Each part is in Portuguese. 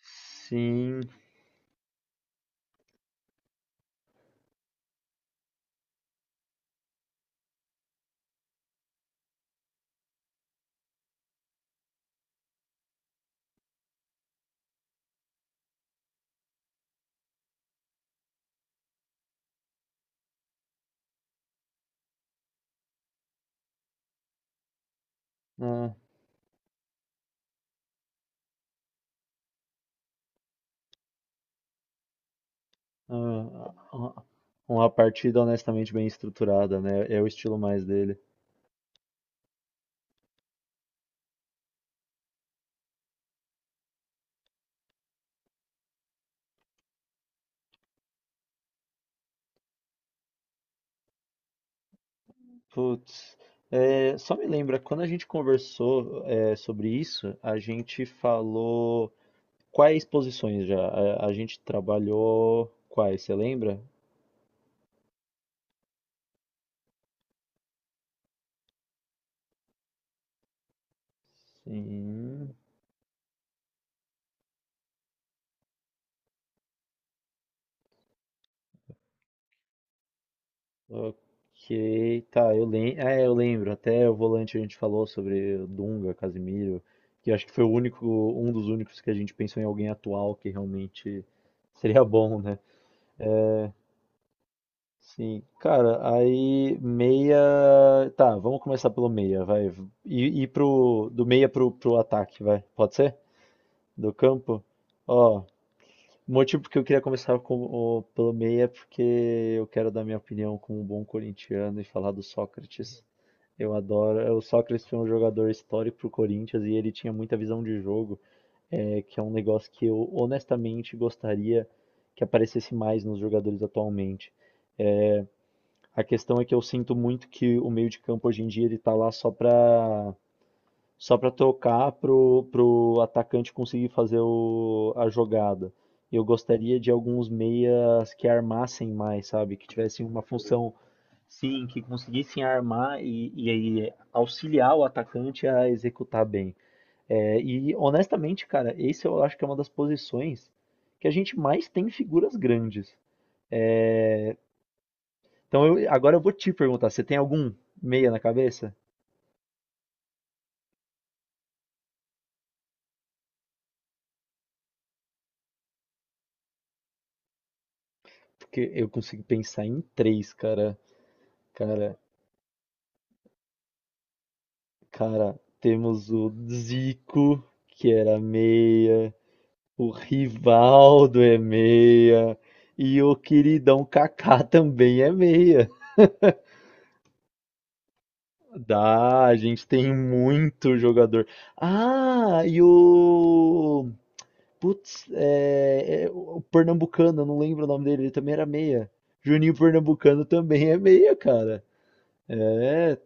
Sim, é, é, uma uma partida honestamente bem estruturada, né? É o estilo mais dele. Putz, só me lembra, quando a gente conversou sobre isso, a gente falou quais posições já? A gente trabalhou quais, você lembra? Sim. Ok, tá, eu lembro. Eu lembro. Até o volante a gente falou sobre o Dunga, Casemiro, que eu acho que foi o único, um dos únicos que a gente pensou em alguém atual que realmente seria bom, né? Sim, cara, aí meia. Tá, vamos começar pelo meia, vai. E pro. Do meia pro ataque, vai. Pode ser? Do campo? Ó, o motivo porque eu queria começar pelo meia é porque eu quero dar minha opinião como um bom corintiano e falar do Sócrates. Eu adoro. O Sócrates foi um jogador histórico pro Corinthians e ele tinha muita visão de jogo, que é um negócio que eu honestamente gostaria que aparecesse mais nos jogadores atualmente. A questão é que eu sinto muito que o meio de campo hoje em dia ele tá lá só pra tocar pro atacante conseguir fazer a jogada. Eu gostaria de alguns meias que armassem mais, sabe? Que tivessem uma função. Sim, que conseguissem armar e aí auxiliar o atacante a executar bem. E honestamente, cara, esse eu acho que é uma das posições que a gente mais tem figuras grandes. É, então agora eu vou te perguntar, você tem algum meia na cabeça? Porque eu consigo pensar em três, cara. Cara, cara, temos o Zico, que era meia. O Rivaldo é meia. E o queridão Kaká também é meia. Dá, a gente tem muito jogador. Ah, e o. Putz, é o Pernambucano, eu não lembro o nome dele, ele também era meia. Juninho Pernambucano também é meia, cara. É.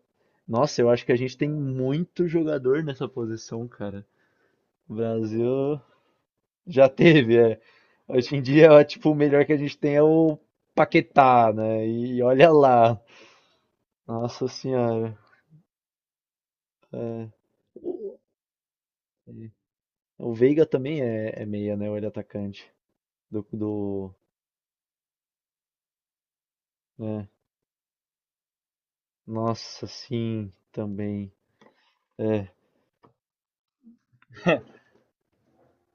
Nossa, eu acho que a gente tem muito jogador nessa posição, cara. O Brasil. Já teve, é. Hoje em dia, ó, tipo, o melhor que a gente tem é o Paquetá, né? E olha lá. Nossa senhora. É. O o Veiga também é meia, né? Ou ele é atacante do, né? Nossa, sim, também.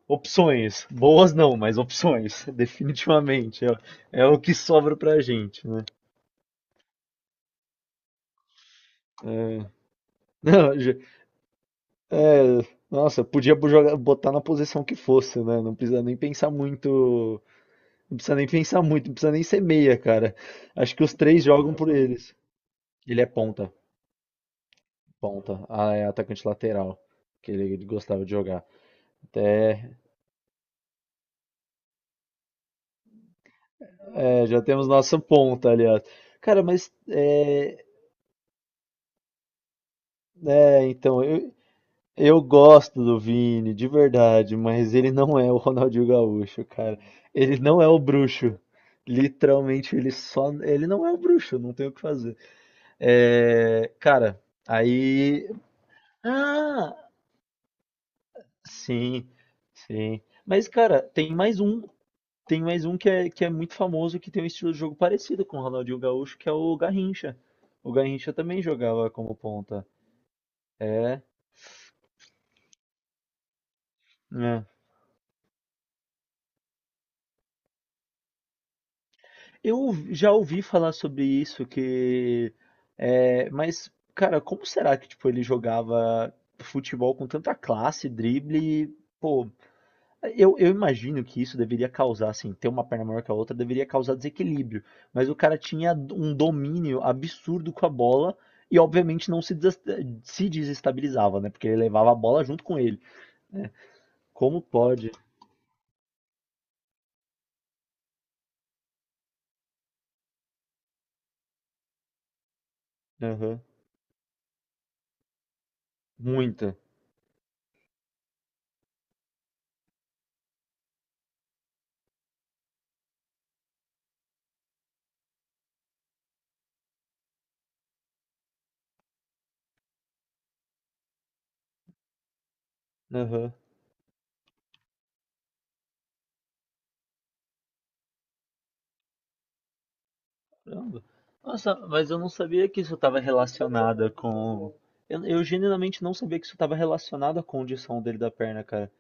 Opções. Boas não, mas opções. Definitivamente. É o que sobra pra gente, né? É. Não, é, nossa, podia botar na posição que fosse, né? Não precisa nem pensar muito. Não precisa nem pensar muito, não precisa nem ser meia, cara. Acho que os três jogam por eles. Ele é ponta, ponta. Ah, é atacante lateral, que ele gostava de jogar. Até, Já temos nossa ponta, aliás. Cara, mas então, eu gosto do Vini, de verdade, mas ele não é o Ronaldinho Gaúcho, cara. Ele não é o bruxo. Literalmente, ele não é o bruxo, não tem o que fazer. Cara, aí. Ah! Sim, sim. Mas, cara, tem mais um que é muito famoso, que tem um estilo de jogo parecido com o Ronaldinho Gaúcho, que é o Garrincha. O Garrincha também jogava como ponta. É, né? Eu já ouvi falar sobre isso, que... Mas, cara, como será que, tipo, ele jogava futebol com tanta classe, drible, e, pô, eu imagino que isso deveria causar, assim, ter uma perna maior que a outra deveria causar desequilíbrio, mas o cara tinha um domínio absurdo com a bola e obviamente não se desestabilizava, né? Porque ele levava a bola junto com ele. Como pode? Aham. Muita. Aham. Caramba. Nossa, mas eu não sabia que isso estava relacionado com. Eu genuinamente não sabia que isso estava relacionado à condição dele da perna, cara.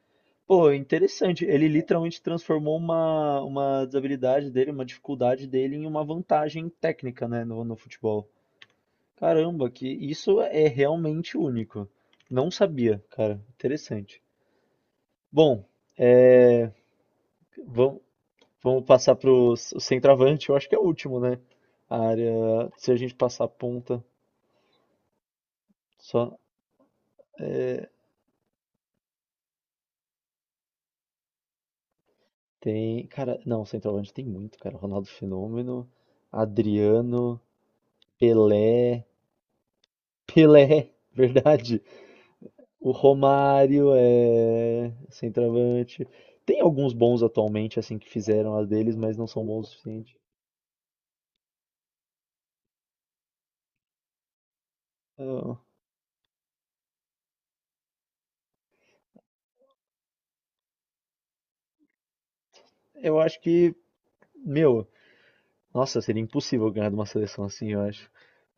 Pô, interessante. Ele literalmente transformou uma desabilidade dele, uma dificuldade dele, em uma vantagem técnica, né, no futebol. Caramba, que isso é realmente único. Não sabia, cara. Interessante. Bom, é, vamos, vamos passar para o centroavante. Eu acho que é o último, né? A área. Se a gente passar a ponta, só é, tem. Cara, não, centroavante tem muito, cara. Ronaldo Fenômeno, Adriano, Pelé. Pelé, verdade. O Romário é centroavante. Tem alguns bons atualmente, assim, que fizeram as deles, mas não são bons o suficiente. Eu eu acho que, meu, nossa, seria impossível ganhar de uma seleção assim, eu acho.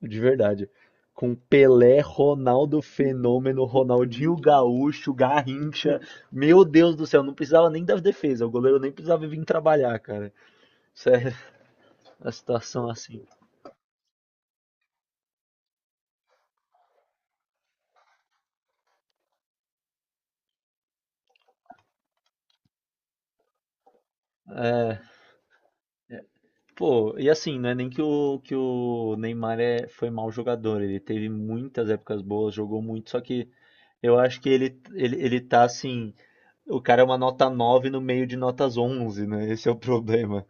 De verdade. Com Pelé, Ronaldo Fenômeno, Ronaldinho Gaúcho, Garrincha. Meu Deus do céu, não precisava nem das defesas. O goleiro nem precisava vir trabalhar, cara. Sério, a situação assim. É. Pô, e assim, não é nem que o Neymar foi mau jogador, ele teve muitas épocas boas, jogou muito, só que eu acho que ele tá assim, o cara é uma nota 9 no meio de notas 11, né? Esse é o problema.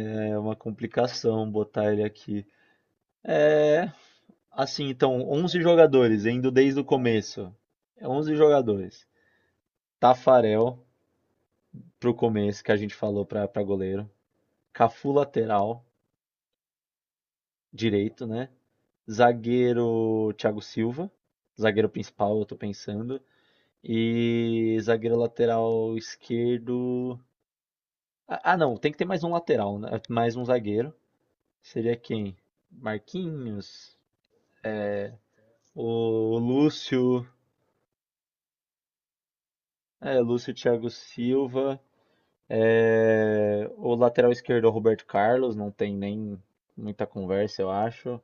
É uma complicação botar ele aqui. Assim, então, 11 jogadores, indo desde o começo. É 11 jogadores. Tafarel pro começo, que a gente falou pra goleiro. Cafu lateral, direito, né? Zagueiro Thiago Silva, zagueiro principal, eu tô pensando. E zagueiro lateral esquerdo. Ah, não, tem que ter mais um lateral, né? Mais um zagueiro. Seria quem? Marquinhos, o Lúcio, Lúcio Thiago Silva, o lateral esquerdo é o Roberto Carlos, não tem nem muita conversa, eu acho. O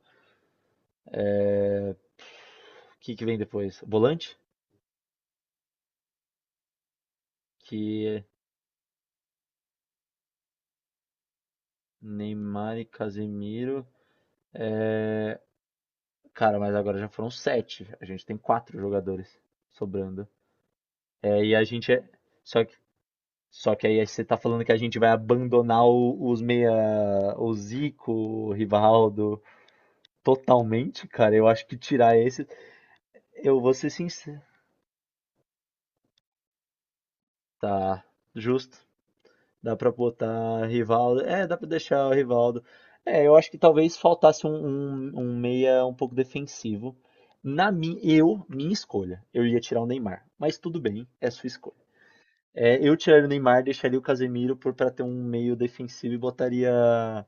que que vem depois? Volante? Que é Neymar e Casemiro. Cara, mas agora já foram sete. A gente tem quatro jogadores sobrando. É, e a gente é. Só que, só que aí você tá falando que a gente vai abandonar os meia. O Zico, o Rivaldo. Totalmente, cara. Eu acho que tirar esse. Eu vou ser sincero. Tá, justo. Dá pra botar Rivaldo. É, dá pra deixar o Rivaldo. É, eu acho que talvez faltasse um meia um pouco defensivo. Na minha escolha, eu ia tirar o Neymar. Mas tudo bem, é sua escolha. É, eu tiraria o Neymar, deixaria o Casemiro por para ter um meio defensivo e botaria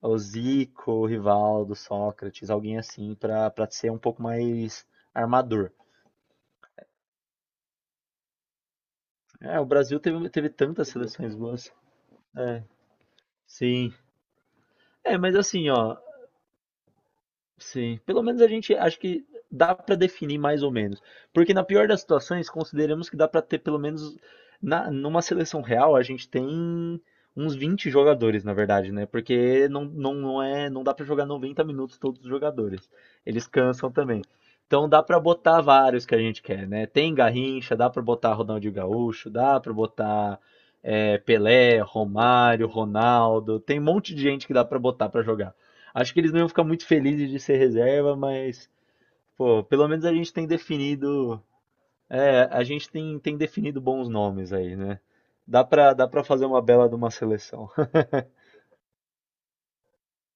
o Zico, o Rivaldo, Sócrates, alguém assim para ser um pouco mais armador. É, o Brasil teve tantas seleções boas. É, sim. Mas assim, ó, sim, pelo menos a gente acho que dá para definir mais ou menos. Porque na pior das situações, consideramos que dá para ter pelo menos numa seleção real, a gente tem uns 20 jogadores, na verdade, né? Porque não dá para jogar 90 minutos todos os jogadores. Eles cansam também. Então dá para botar vários que a gente quer, né? Tem Garrincha, dá para botar Ronaldinho Gaúcho, dá para botar Pelé, Romário, Ronaldo, tem um monte de gente que dá para botar para jogar. Acho que eles não iam ficar muito felizes de ser reserva, mas, pô, pelo menos a gente tem definido, a gente tem definido bons nomes aí, né? Dá pra fazer uma bela de uma seleção.